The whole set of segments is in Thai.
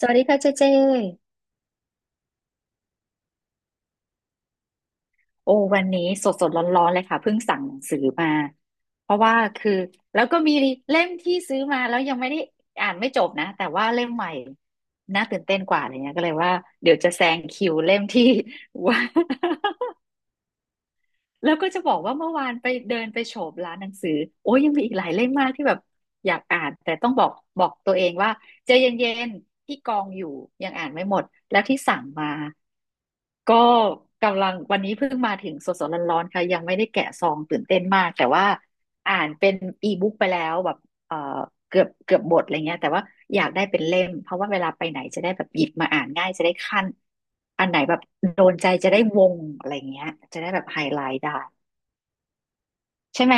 สวัสดีค่ะเจเจโอ้วันนี้สดสดร้อนร้อนๆเลยค่ะเพิ่งสั่งหนังสือมาเพราะว่าคือแล้วก็มีเล่มที่ซื้อมาแล้วยังไม่ได้อ่านไม่จบนะแต่ว่าเล่มใหม่น่าตื่นเต้นกว่าอะไรเงี้ยก็เลยว่าเดี๋ยวจะแซงคิวเล่มที่ ว่า แล้วก็จะบอกว่าเมื่อวานไปเดินไปโฉบร้านหนังสือโอ้ยยังมีอีกหลายเล่มมากที่แบบอยากอ่านแต่ต้องบอกบอกตัวเองว่าใจเย็นๆที่กองอยู่ยังอ่านไม่หมดแล้วที่สั่งมาก็กำลังวันนี้เพิ่งมาถึงสดๆร้อนๆค่ะยังไม่ได้แกะซองตื่นเต้นมากแต่ว่าอ่านเป็นอีบุ๊กไปแล้วแบบเอ่อ เกือบเกือบบทอะไรเงี้ยแต่ว่าอยากได้เป็นเล่มเพราะว่าเวลาไปไหนจะได้แบบหยิบมาอ่านง่ายจะได้ขั้นอันไหนแบบโดนใจจะได้วงอะไรเงี้ยจะได้แบบไฮไลท์ได้ใช่ไหม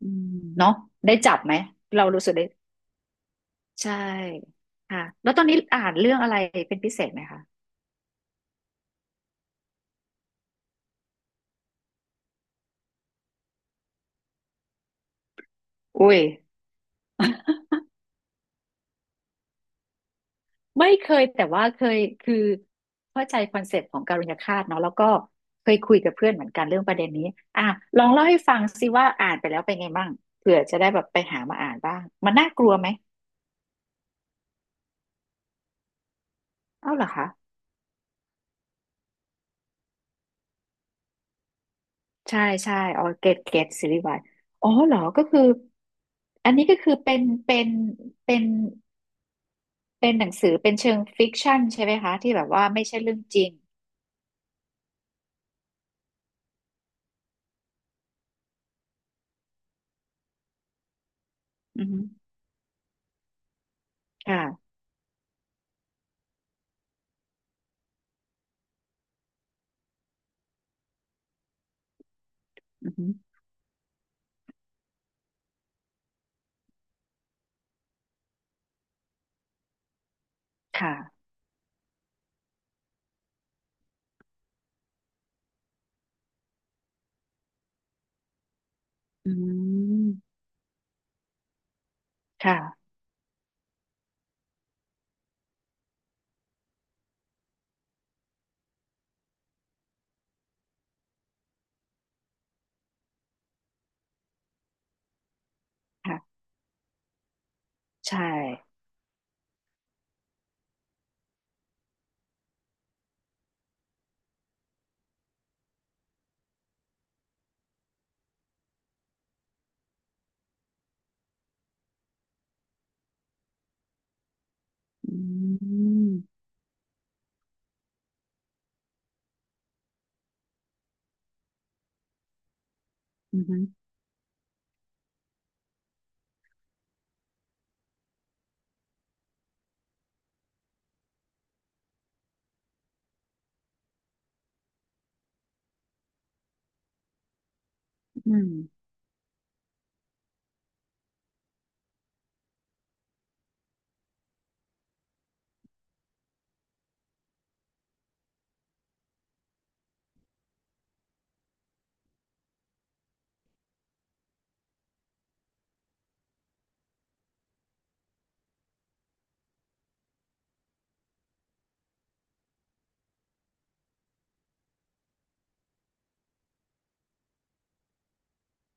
อืมเนาะได้จับไหมเรารู้สึกได้ใช่ค่ะแล้วตอนนี้อ่านเรื่องอะไรเป็นพิเศษไหมคะอุ้ย ไม่เคยแต่ว่าเคยคือเข้าใจคอนเซปต์ของการุญฆาตเนาะแล้วก็เคยคุยกับเพื่อนเหมือนกันเรื่องประเด็นนี้อ่ะลองเล่าให้ฟังสิว่าอ่านไปแล้วเป็นไงบ้างเผื่อจะได้แบบไปหามาอ่านบ้างมันน่ากลัวไหมเอ้าเหรอคะใช่ใช่อ๋อเกตเกตซีรีส์วายอ๋อเหรอก็คืออันนี้ก็คือเป็นเป็นเป็นเป็นหนังสือเป็นเชิงฟิกชันใช่ไหมคะที่แบบว่าไม่ใช่เรื่องจริงอือฮึค่ะอือฮึค่ะอืมค่ะค่ะใช่ อืมอืม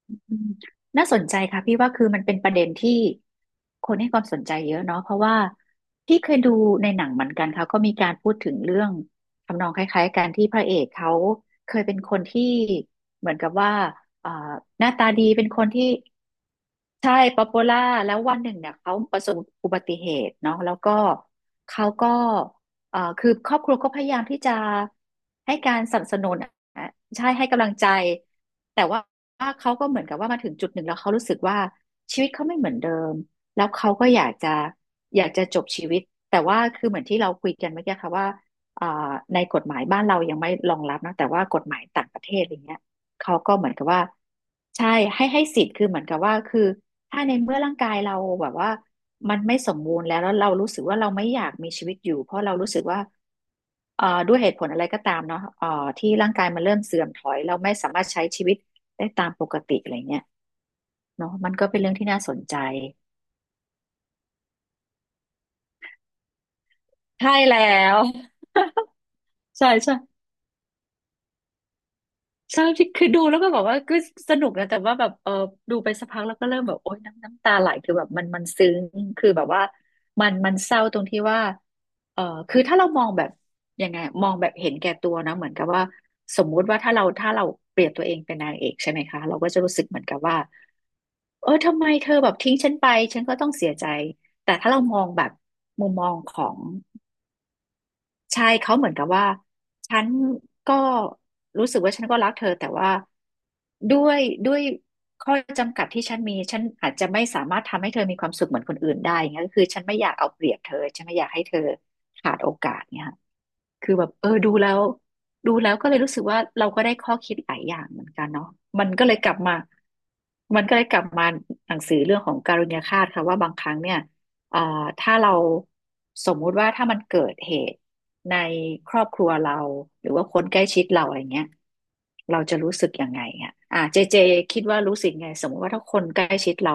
อืมน่าสนใจค่ะพี่ว่าคือมันเป็นประเด็นที่คนให้ความสนใจเยอะเนาะเพราะว่าพี่เคยดูในหนังเหมือนกันค่ะก็มีการพูดถึงเรื่องทำนองคล้ายๆกันที่พระเอกเขาเคยเป็นคนที่เหมือนกับว่าเอ่อหน้าตาดีเป็นคนที่ ใช่ป๊อปปูล่าแล้ววันหนึ่งเนี่ยเขาประสบอุบัติเหตุเนาะแล้วก็เขาก็คือครอบครัวก็พยายามที่จะให้การสนับสนุนอ่ะใช่ให้กำลังใจแต่ว่าเขาก็เหมือนกับว่ามาถึงจุดหนึ่งแล้วเขารู้สึกว่าชีวิตเขาไม่เหมือนเดิมแล้วเขาก็อยากจะอยากจะจบชีวิตแต่ว่าคือเหมือนที่เราคุยกันเมื่อกี้ค่ะว่าอ่าในกฎหมายบ้านเรายังไม่รองรับนะแต่ว่ากฎหมายต่างประเทศอะไรเงี้ยเขาก็เหมือนกับว่าใช่ให้ให้สิทธิ์คือเหมือนกับว่าคือ ถ้าในเมื่อร่างกายเราแบบว่ามันไม่สมบูรณ์แล้วแล้วเรารู้สึกว่าเราไม่อยากมีชีวิตอยู่เพราะเรารู้สึกว่าด้วยเหตุผลอะไรก็ตามเนาะที่ร่างกายมันเริ่มเสื่อมถอยเราไม่สามารถใช้ชีวิตได้ตามปกติอะไรเงี้ยเนาะมันก็เป็นเรื่องที่น่าสนใจใช่แล้วใช่ใช่ ใช่ที่คือดูแล้วก็แบบว่าก็สนุกนะแต่ว่าแบบเออดูไปสักพักแล้วก็เริ่มแบบโอ๊ยน้ำน้ำตาไหลคือแบบมันมันซึ้งคือแบบว่ามันมันเศร้าตรงที่ว่าเออคือถ้าเรามองแบบยังไงมองแบบเห็นแก่ตัวนะเหมือนกับว่าสมมุติว่าถ้าเราถ้าเราเปรียบตัวเองเป็นนางเอกใช่ไหมคะเราก็จะรู้สึกเหมือนกับว่าเออทำไมเธอแบบทิ้งฉันไปฉันก็ต้องเสียใจแต่ถ้าเรามองแบบมุมมองของ ใช่เขาเหมือนกับว่าฉันก็รู้สึกว่าฉันก็รักเธอแต่ว่าด้วยด้วยข้อจำกัดที่ฉันมีฉันอาจจะไม่สามารถทำให้เธอมีความสุขเหมือนคนอื่นได้อย่างเงี้ยก็คือฉันไม่อยากเอาเปรียบเธอฉันไม่อยากให้เธอขาดโอกาสเนี่ยค่ะคือแบบเออดูแล้วดูแล้วก็เลยรู้สึกว่าเราก็ได้ข้อคิดหลายอย่างเหมือนกันเนาะมันก็เลยกลับมามันก็เลยกลับมาหนังสือเรื่องของการุญยฆาตค่ะว่าบางครั้งเนี่ย เอ่อถ้าเราสมมุติว่าถ้ามันเกิดเหตุในครอบครัวเราหรือว่าคนใกล้ชิดเราอะไรเงี้ยเราจะรู้สึกยังไงอ่ะอ่าเจเจคิดว่ารู้สึกไงสมมติว่าถ้าคนใกล้ชิดเรา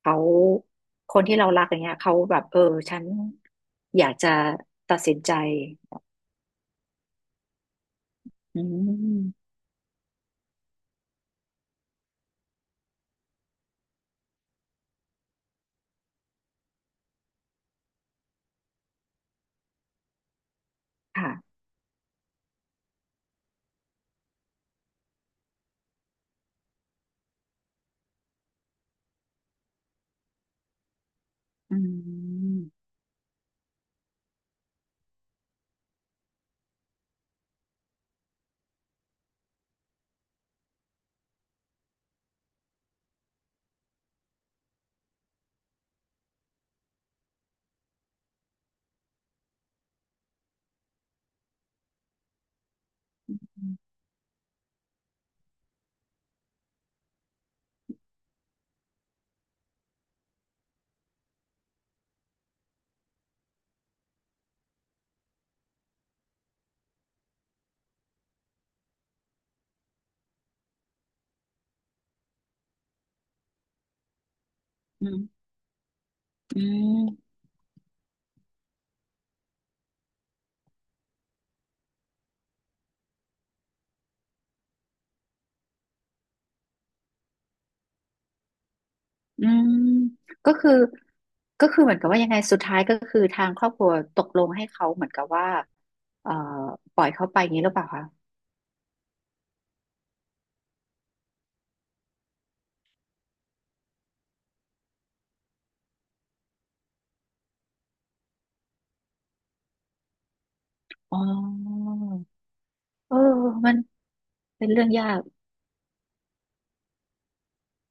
เขาคนที่เรารักอย่างเงี้ยเขาแบบเออฉันอยากจะตัดสินใจอืมค่ะอืมอืมอืม อืมก็คือเหมือนกับว่ายังไงสุดท้ายก็คือทางครอบครัวตกลงให้เขาเหมือนกับว่าเอ่อปล่อยเขาไปอย่างนี้หรือเปล่าคะอ๋อเออมันเป็นเรื่องยาก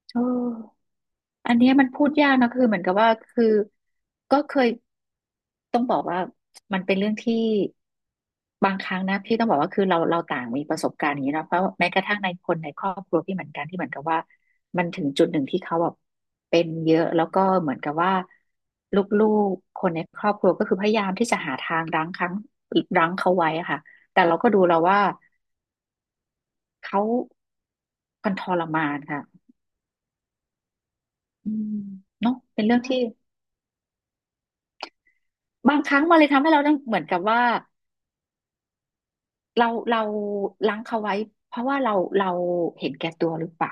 เออ อันเนี้ยมันพูดยากนะคือเหมือนกับว่าคือก็เคยต้องบอกว่ามันเป็นเรื่องที่บางครั้งนะพี่ต้องบอกว่าคือเราต่างมีประสบการณ์อย่างนี้เนอะเพราะแม้กระทั่งในคนในครอบครัวพี่เหมือนกันที่เหมือนกับว่ามันถึงจุดหนึ่งที่เขาแบบเป็นเยอะแล้วก็เหมือนกับว่าลูกๆคนในครอบครัวก็คือพยายามที่จะหาทางรั้งครั้งเขาไว้อะค่ะแต่เราก็ดูแล้วว่าเขามันทรมานค่ะอืมเนาะเป็นเรื่องที่ บางครั้งมันเลยทำให้เราต้องเหมือนกับว่าเราล้างเขาไว้เพราะว่าเราเห็นแก่ตัวหรือเปล่า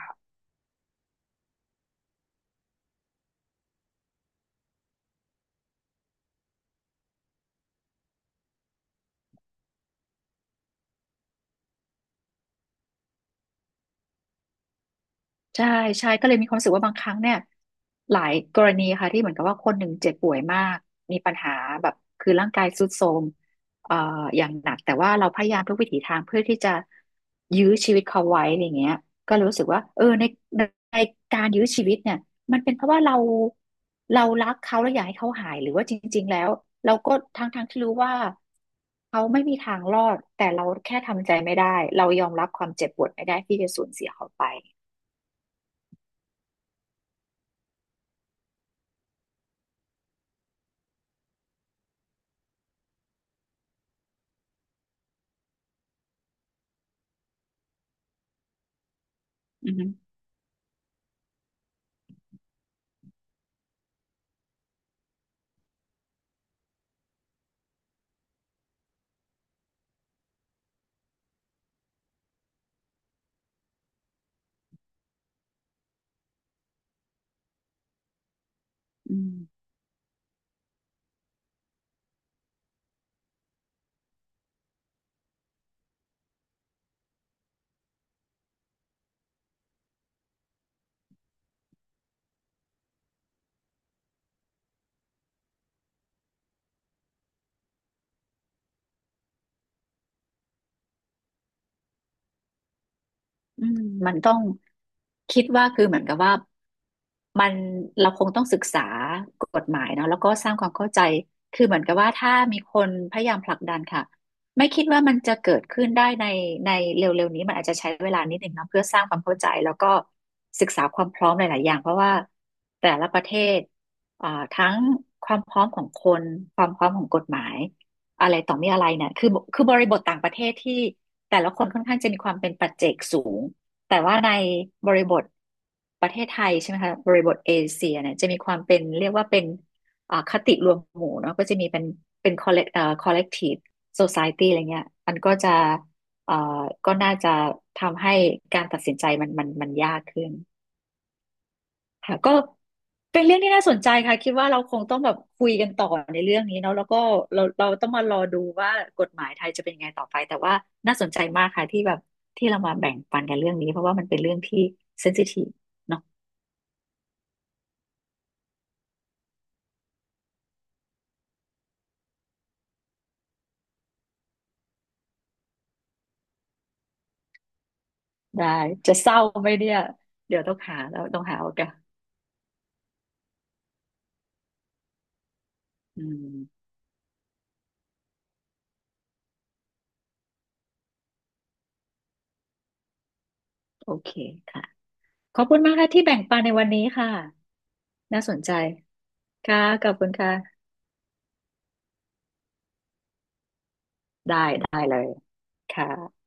ใช่ใช่ก็เลยมีความรู้สึกว่าบางครั้งเนี่ยหลายกรณีค่ะที่เหมือนกับว่าคนหนึ่งเจ็บป่วยมากมีปัญหาแบบคือร่างกายทรุดโทรมเอ่ออย่างหนักแต่ว่าเราพยายามทุกวิถีทางเพื่อที่จะยื้อชีวิตเขาไว้อะไรเงี้ยก็เลยรู้สึกว่าเออในในในการยื้อชีวิตเนี่ยมันเป็นเพราะว่าเรารักเขาแล้วอยากให้เขาหายหรือว่าจริงๆแล้วเราก็ทั้งที่รู้ว่าเขาไม่มีทางรอดแต่เราแค่ทำใจไม่ได้เรายอมรับความเจ็บปวดไม่ได้ที่จะสูญเสียเขาไปอืม อืมอืมมันต้องคิดว่าคือเหมือนกับว่ามันเราคงต้องศึกษากฎหมายเนาะแล้วก็สร้างความเข้าใจคือเหมือนกับว่าถ้ามีคนพยายามผลักดันค่ะไม่คิดว่ามันจะเกิดขึ้นได้ในในเร็วๆนี้มันอาจจะใช้เวลานิดหนึ่งเนาะเพื่อสร้างความเข้าใจแล้วก็ศึกษาความพร้อมหลายๆอย่างเพราะว่าแต่ละประเทศอ่าทั้งความพร้อมของคนความพร้อมของกฎหมายอะไรต่อมีอะไรเนี่ยคือบริบทต่างประเทศที่ แต่ละคนค่อนข้างจะมีความเป็นปัจเจกสูง แต่ว่าในบริบทประเทศไทยใช่ไหมคะบริบทเอเชียเนี่ยจะมีความเป็นเรียกว่าเป็นอ่าคติรวมหมู่เนาะก็จะมีเป็นคอลเลกคอลเลกทีฟโซซายตี้อะไรเงี้ยมันก็จะเอ่อก็น่าจะทำให้การตัดสินใจมันยากขึ้น ค่ะก็เป็นเรื่องที่น่าสนใจค่ะคิดว่าเราคงต้องแบบคุยกันต่อในเรื่องนี้เนาะแล้วก็เราต้องมารอดูว่ากฎหมายไทยจะเป็นยังไงต่อไปแต่ว่าน่าสนใจมากค่ะที่แบบที่เรามาแบ่งปันกันเรื่องนี้เพราะว่ามันเป็นเรื่องที่เซนซิทีฟเนาะได้จะเศร้าไหมเนี่ยเดี๋ยวต้องหาแล้วต้องหาเอกาเอืมโอเคค่ะขอบคุณมากค่ะที่แบ่งปันในวันนี้ค่ะน่าสนใจค่ะขอบคุณค่ะได้ได้เลยค่ะ